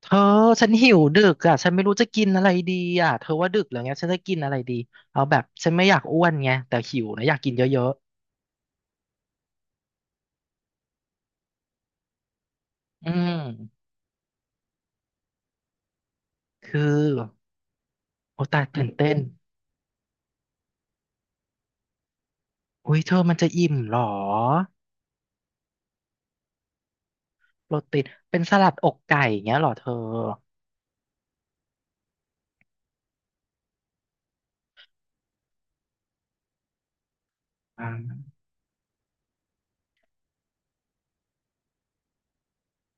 เธอฉันหิวดึกอ่ะฉันไม่รู้จะกินอะไรดีอ่ะเธอว่าดึกแล้วเงี้ยฉันจะกินอะไรดีเอาแบบฉันไม่อยากอ้วนไงแต่หิวนะอยากกินเยอะๆอืมคือโอตายตื่นเต้นอุ้ยเธอมันจะอิ่มเหรอโปรตีนเป็นสลัดอกไก่เงี้ยเหรอเธออ่า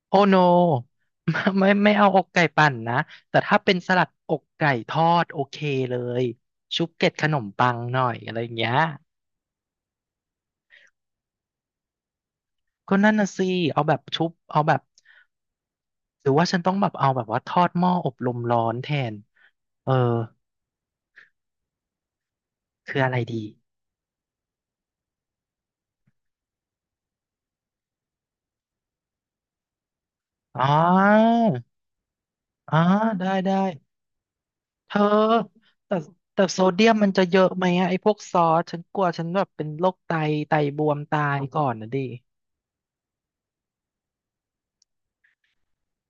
โอโนไม่ไม่ไม่เอาอกไก่ปั่นนะแต่ถ้าเป็นสลัดอกไก่ทอดโอเคเลยชุบเกล็ดขนมปังหน่อยอะไรอย่างเงี้ยก็นั่นน่ะสิเอาแบบชุบเอาแบบ หรือว่าฉันต้องแบบเอาแบบว่าทอดหม้ออบลมร้อนแทนเออคืออะไรดีอ๋ออ๋อได้ได้เธอแต่แต่โซเดียมมันจะเยอะไหมอะไอ้พวกซอสฉันกลัวฉันแบบเป็นโรคไตไตบวมตายก่อนนะดิ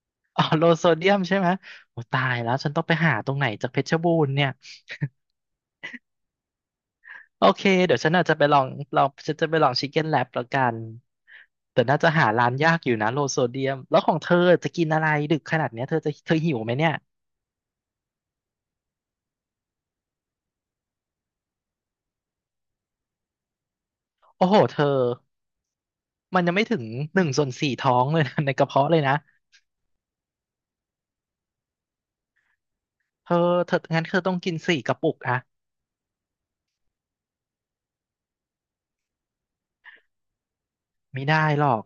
อ๋อโลโซเดียมใช่ไหมโอ้ตายแล้วฉันต้องไปหาตรงไหนจากเพชรบูรณ์เนี่ยโอเคเดี๋ยวฉันอาจจะไปลองฉันจะไปลองชิคเก้นแลบแล้วกันแต่น่าจะหาร้านยากอยู่นะโลโซเดียมแล้วของเธอจะกินอะไรดึกขนาดเนี้ยเธอจะเธอหิวไหมเนี่ย โอ้โหเธอมันยังไม่ถึงหนึ่งส่วนสี่ท้องเลยนะ ในกระเพาะเลยนะเธอเธองั้นเธอต้องกินสี่กระปุกอะไม่ได้หรอก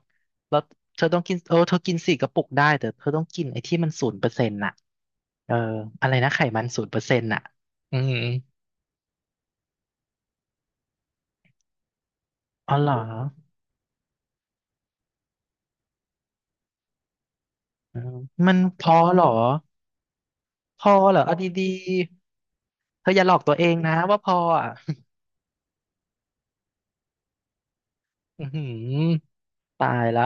แล้วเธอต้องกินเออเธอกินสี่กระปุกได้แต่เธอต้องกินไอ้ที่มันศูนย์เปอร์เซ็นต์น่ะเอออะไรนะไขมันศูนย์เปอร์เซ็นต์น่ะอืมอ๋อเหรออืมมันพอเหรอพอเหรอเอาดีๆเธออย่าหลอกตัวเองนะว่าพออ่ะ อือหือ ตายละ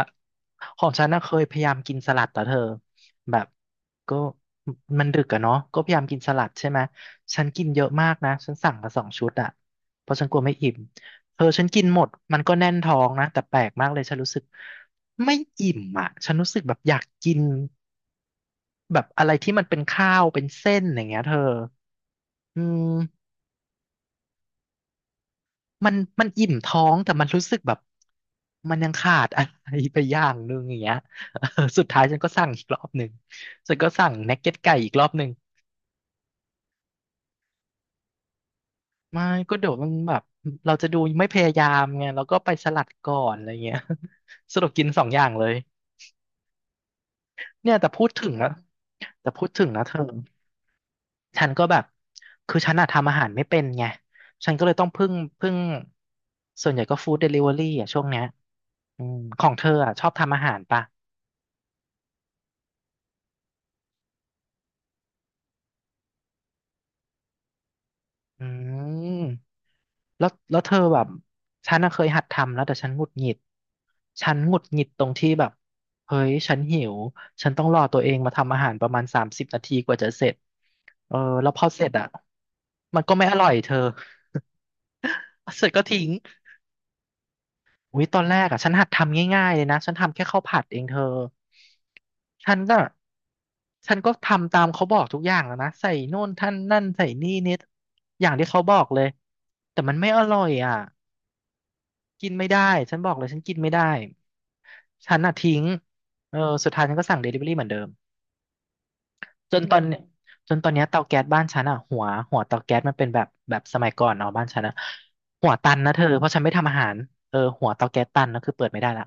ของฉันน่ะเคยพยายามกินสลัดแต่เธอแบบก็มันดึกอะเนาะก็พยายามกินสลัดใช่ไหมฉันกินเยอะมากนะฉันสั่งมาสองชุดอะเพราะฉันกลัวไม่อิ่มเธอฉันกินหมดมันก็แน่นท้องนะแต่แปลกมากเลยฉันรู้สึกไม่อิ่มอะฉันรู้สึกแบบอยากกินแบบอะไรที่มันเป็นข้าวเป็นเส้นอย่างเงี้ยเธออืม มันมันอิ่มท้องแต่มันรู้สึกแบบมันยังขาดอะไรไปอย่างนึงอย่างเงี้ย เออสุดท้ายฉันก็สั่งอีกรอบหนึ่งฉันก็สั่งนักเก็ตไก่อีกรอบหนึ่งไม่ก็เดี๋ยวมันแบบเราจะดูไม่พยายามไงเราก็ไปสลัดก่อนอะไรเงี้ย สรุปกินสองอย่างเลยเนี่ยแต่พูดถึงนะแต่พูดถึงนะเธอฉันก็แบบคือฉันอะทำอาหารไม่เป็นไงฉันก็เลยต้องพึ่งส่วนใหญ่ก็ฟู้ดเดลิเวอรี่อ่ะช่วงเนี้ยอืมของเธออะชอบทำอาหารปะ อืมแล้วเธอแบบฉันน่ะเคยหัดทำแล้วแต่ฉันหงุดหงิดฉันหงุดหงิดตรงที่แบบเฮ้ยฉันหิวฉันต้องรอตัวเองมาทำอาหารประมาณสามสิบนาทีกว่าจะเสร็จเออแล้วพอเสร็จอ่ะมันก็ไม่อร่อยเธอ เสร็จก็ทิ้ง อุ้ยตอนแรกอ่ะฉันหัดทำง่ายๆเลยนะฉันทำแค่ข้าวผัดเองเธอฉันก็ฉันก็ทำตามเขาบอกทุกอย่างแล้วนะใส่โน่นท่านนั่นใส่นี่นิดอย่างที่เขาบอกเลยแต่มันไม่อร่อยอ่ะกินไม่ได้ฉันบอกเลยฉันกินไม่ได้ฉันอ่ะทิ้งเออสุดท้ายฉันก็สั่งเดลิเวอรี่เหมือนเดิมจนตอนเนี้ยจนตอนเนี้ยเตาแก๊สบ้านฉันอ่ะหัวเตาแก๊สมันเป็นแบบสมัยก่อนเนาะบ้านฉันอ่ะหัวตันนะเธอเพราะฉันไม่ทำอาหารเออหัวเตาแก๊สตันนะคือเปิดไม่ได้ละ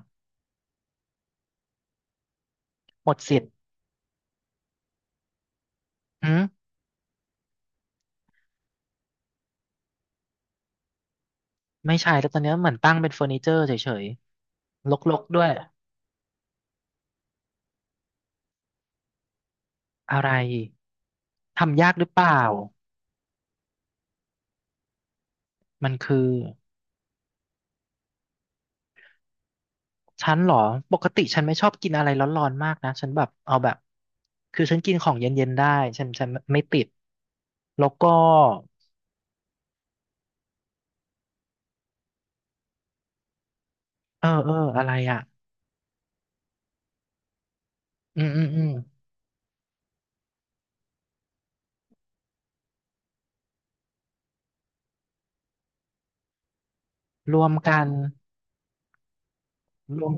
หมดสิทธิ์อืม ไม่ใช่แต่ตอนเนี้ยเหมือนตั้งเป็นเฟอร์นิเจอร์เฉยๆรกๆด้วยอะไรทำยากหรือเปล่ามันคือฉันเหรอปกติฉันไม่ชอบกินอะไรร้อนๆมากนะฉันแบบเอาแบบคือฉันกินของเย็นๆได้ฉันไม่ติดแล้วก็เอออะไรอ่ะอืมอืมอืมรวมกันรวม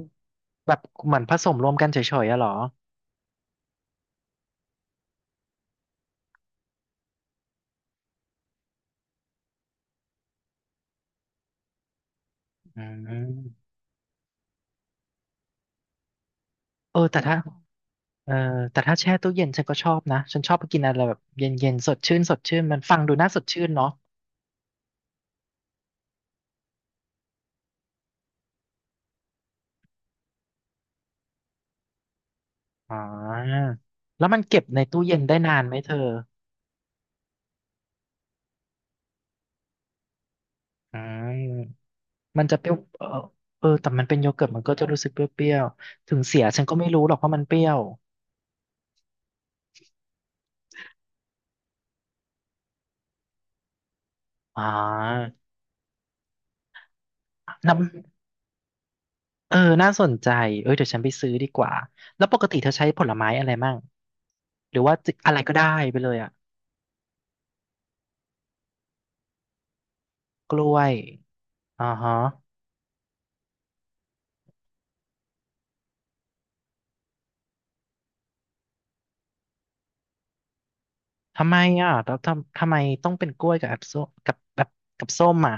แบบเหมือนผสมรวมกันเฉยๆอะเหรออืมเออแต่ถ้า เออแต่ถ้าแช่ตู้เย็นฉันก็ชอบนะฉันชอบไปกินอะไรแบบเย็นๆสดชื่นสดชื่นมันฟังดูน่าสดชื่นเนาะอ่าแล้วมันเก็บในตู้เย็นได้นานไหมเธออืมมันจะเปรี้ยวเออเออแต่มันเป็นโยเกิร์ตมันก็จะรู้สึกเปรี้ยวๆถึงเสียฉันก็ไม่รู้หรอกว่ามันเปรี้ยวอ่าน้ำเออน่าสนใจเอ้ยเดี๋ยวฉันไปซื้อดีกว่าแล้วปกติเธอใช้ผลไม้อะไรมั่งหรือว่าจะอะไรก็ได้ไปเลยอะกล้วยอ่าฮะ ทำไมอ่ะแล้วทำไมต้องเป็นกล้วยกับแอปส้มกับแบบกับส้มอ่ะ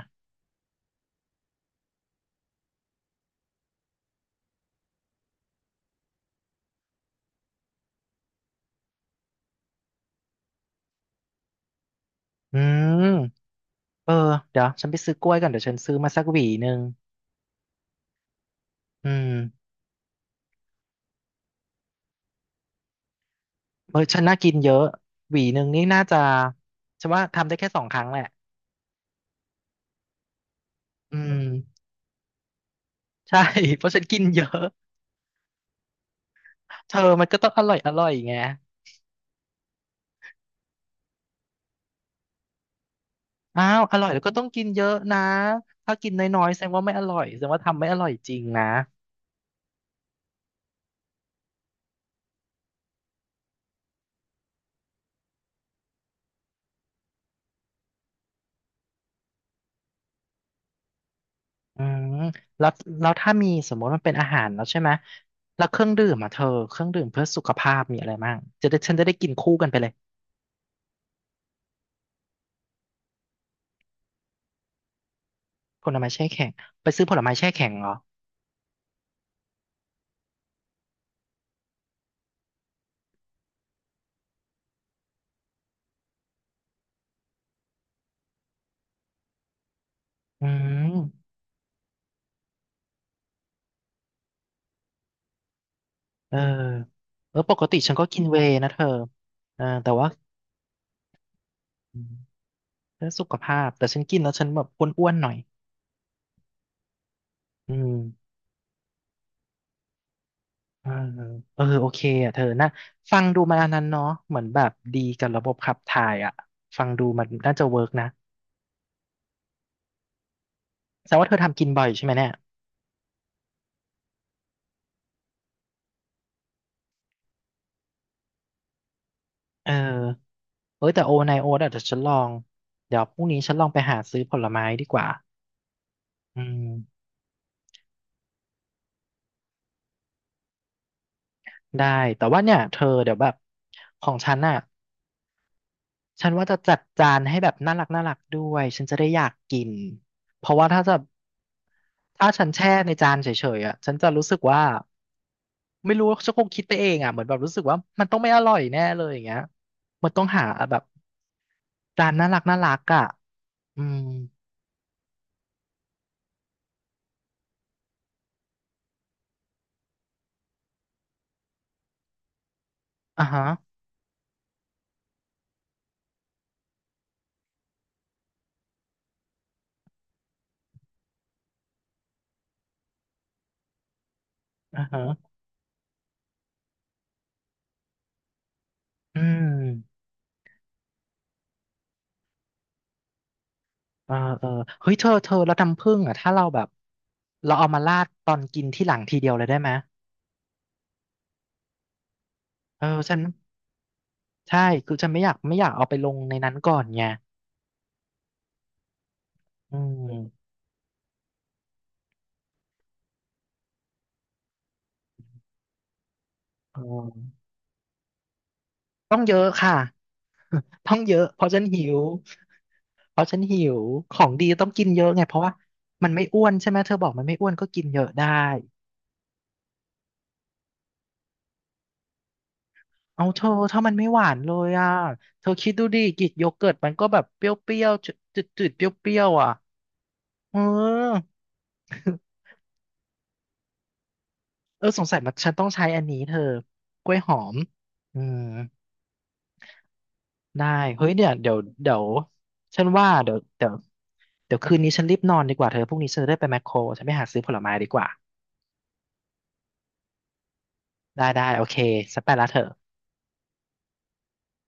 อืมเออเดี๋ยวฉันไปซื้อกล้วยก่อนเดี๋ยวฉันซื้อมาสักหวีหนึ่งอืมเออฉันน่ากินเยอะหวีหนึ่งนี่น่าจะฉันว่าทำได้แค่สองครั้งแหละอืมใช่ เพราะฉันกินเยอะเธอมันก็ต้องอร่อยไงอ้าวอร่อยแล้วก็ต้องกินเยอะนะถ้ากินน้อยๆแสดงว่าไม่อร่อยแสดงว่าทำไม่อร่อยจริงนะ อืมแล้วแล้วถ้ามีสมมติมันเป็นอาหารแล้วใช่ไหมแล้วเครื่องดื่มอ่ะเธอเครื่องดื่มเพื่อสุขภาพมีอะไรบ้างจะได้ฉันจะได้กินคู่กันไปเลยผลไม้แช่แข็งไปซื้อผลไม้แช่แข็งเหรออืมเออเออปกติฉันก็กินเวย์นะเธอเออแต่ว่าอืมเพื่อสุขภาพแต่ฉันกินแล้วฉันแบบอ้วนๆหน่อยอืมเออเออโอเคอ่ะเธอนะฟังดูมาอันนั้นเนาะเหมือนแบบดีกับระบบขับถ่ายอ่ะฟังดูมันน่าจะเวิร์กนะแสดงว่าเธอทำกินบ่อยใช่ไหมเนี่ยเออ เอ้ยแต่โอไนโอเดี๋ยวฉันลองเดี๋ยวพรุ่งนี้ฉันลองไปหาซื้อผลไม้ดีกว่าอืมได้แต่ว่าเนี่ยเธอเดี๋ยวแบบของฉันน่ะฉันว่าจะจัดจานให้แบบน่ารักด้วยฉันจะได้อยากกินเพราะว่าถ้าจะถ้าฉันแช่ในจานเฉยๆอ่ะฉันจะรู้สึกว่าไม่รู้ฉันคงคิดไปเองอ่ะเหมือนแบบรู้สึกว่ามันต้องไม่อร่อยแน่เลยอย่างเงี้ยมันต้องหาแบบจานน่ารักอ่ะอืมอ่ะฮะอ่ะฮะอืม เออเออเฮ้ยเธอแล้วน้ำผึ้งอ่ะถ้าเราแบบเราเอามาราดตอนกินที่หลังทีเดียวเลยได้ไหมเออฉันใช่คือฉันไม่อยากเอาไปลงในนั้นก่อนไงอืมเออต้องเยอะค่ะต้องเยอะเพราะฉันหิวเพราะฉันหิวของดีต้องกินเยอะไงเพราะว่ามันไม่อ้วนใช่ไหมเธอบอกมันไม่อ้วนก็กินเยอะได้เอาเธอถ้ามันไม่หวานเลยอ่ะเธอคิดดูดิกรีกโยเกิร์ตมันก็แบบเปรี้ยวๆจืดๆเปรี้ยวๆอ่ะเออ เออสงสัยมันฉันต้องใช้อันนี้เธอกล้วยหอมอืมได้เฮ้ยเนี่ยเดี๋ยวฉันว่าเดี๋ยวเดี๋ยวคืนนี้ฉันรีบนอนดีกว่าเธอพรุ่งนี้ฉันจะได้ไปแมคโครฉันไปหาซื้อผลไม้ดีกว่าได้ได้โอเคฉันไปละเธอ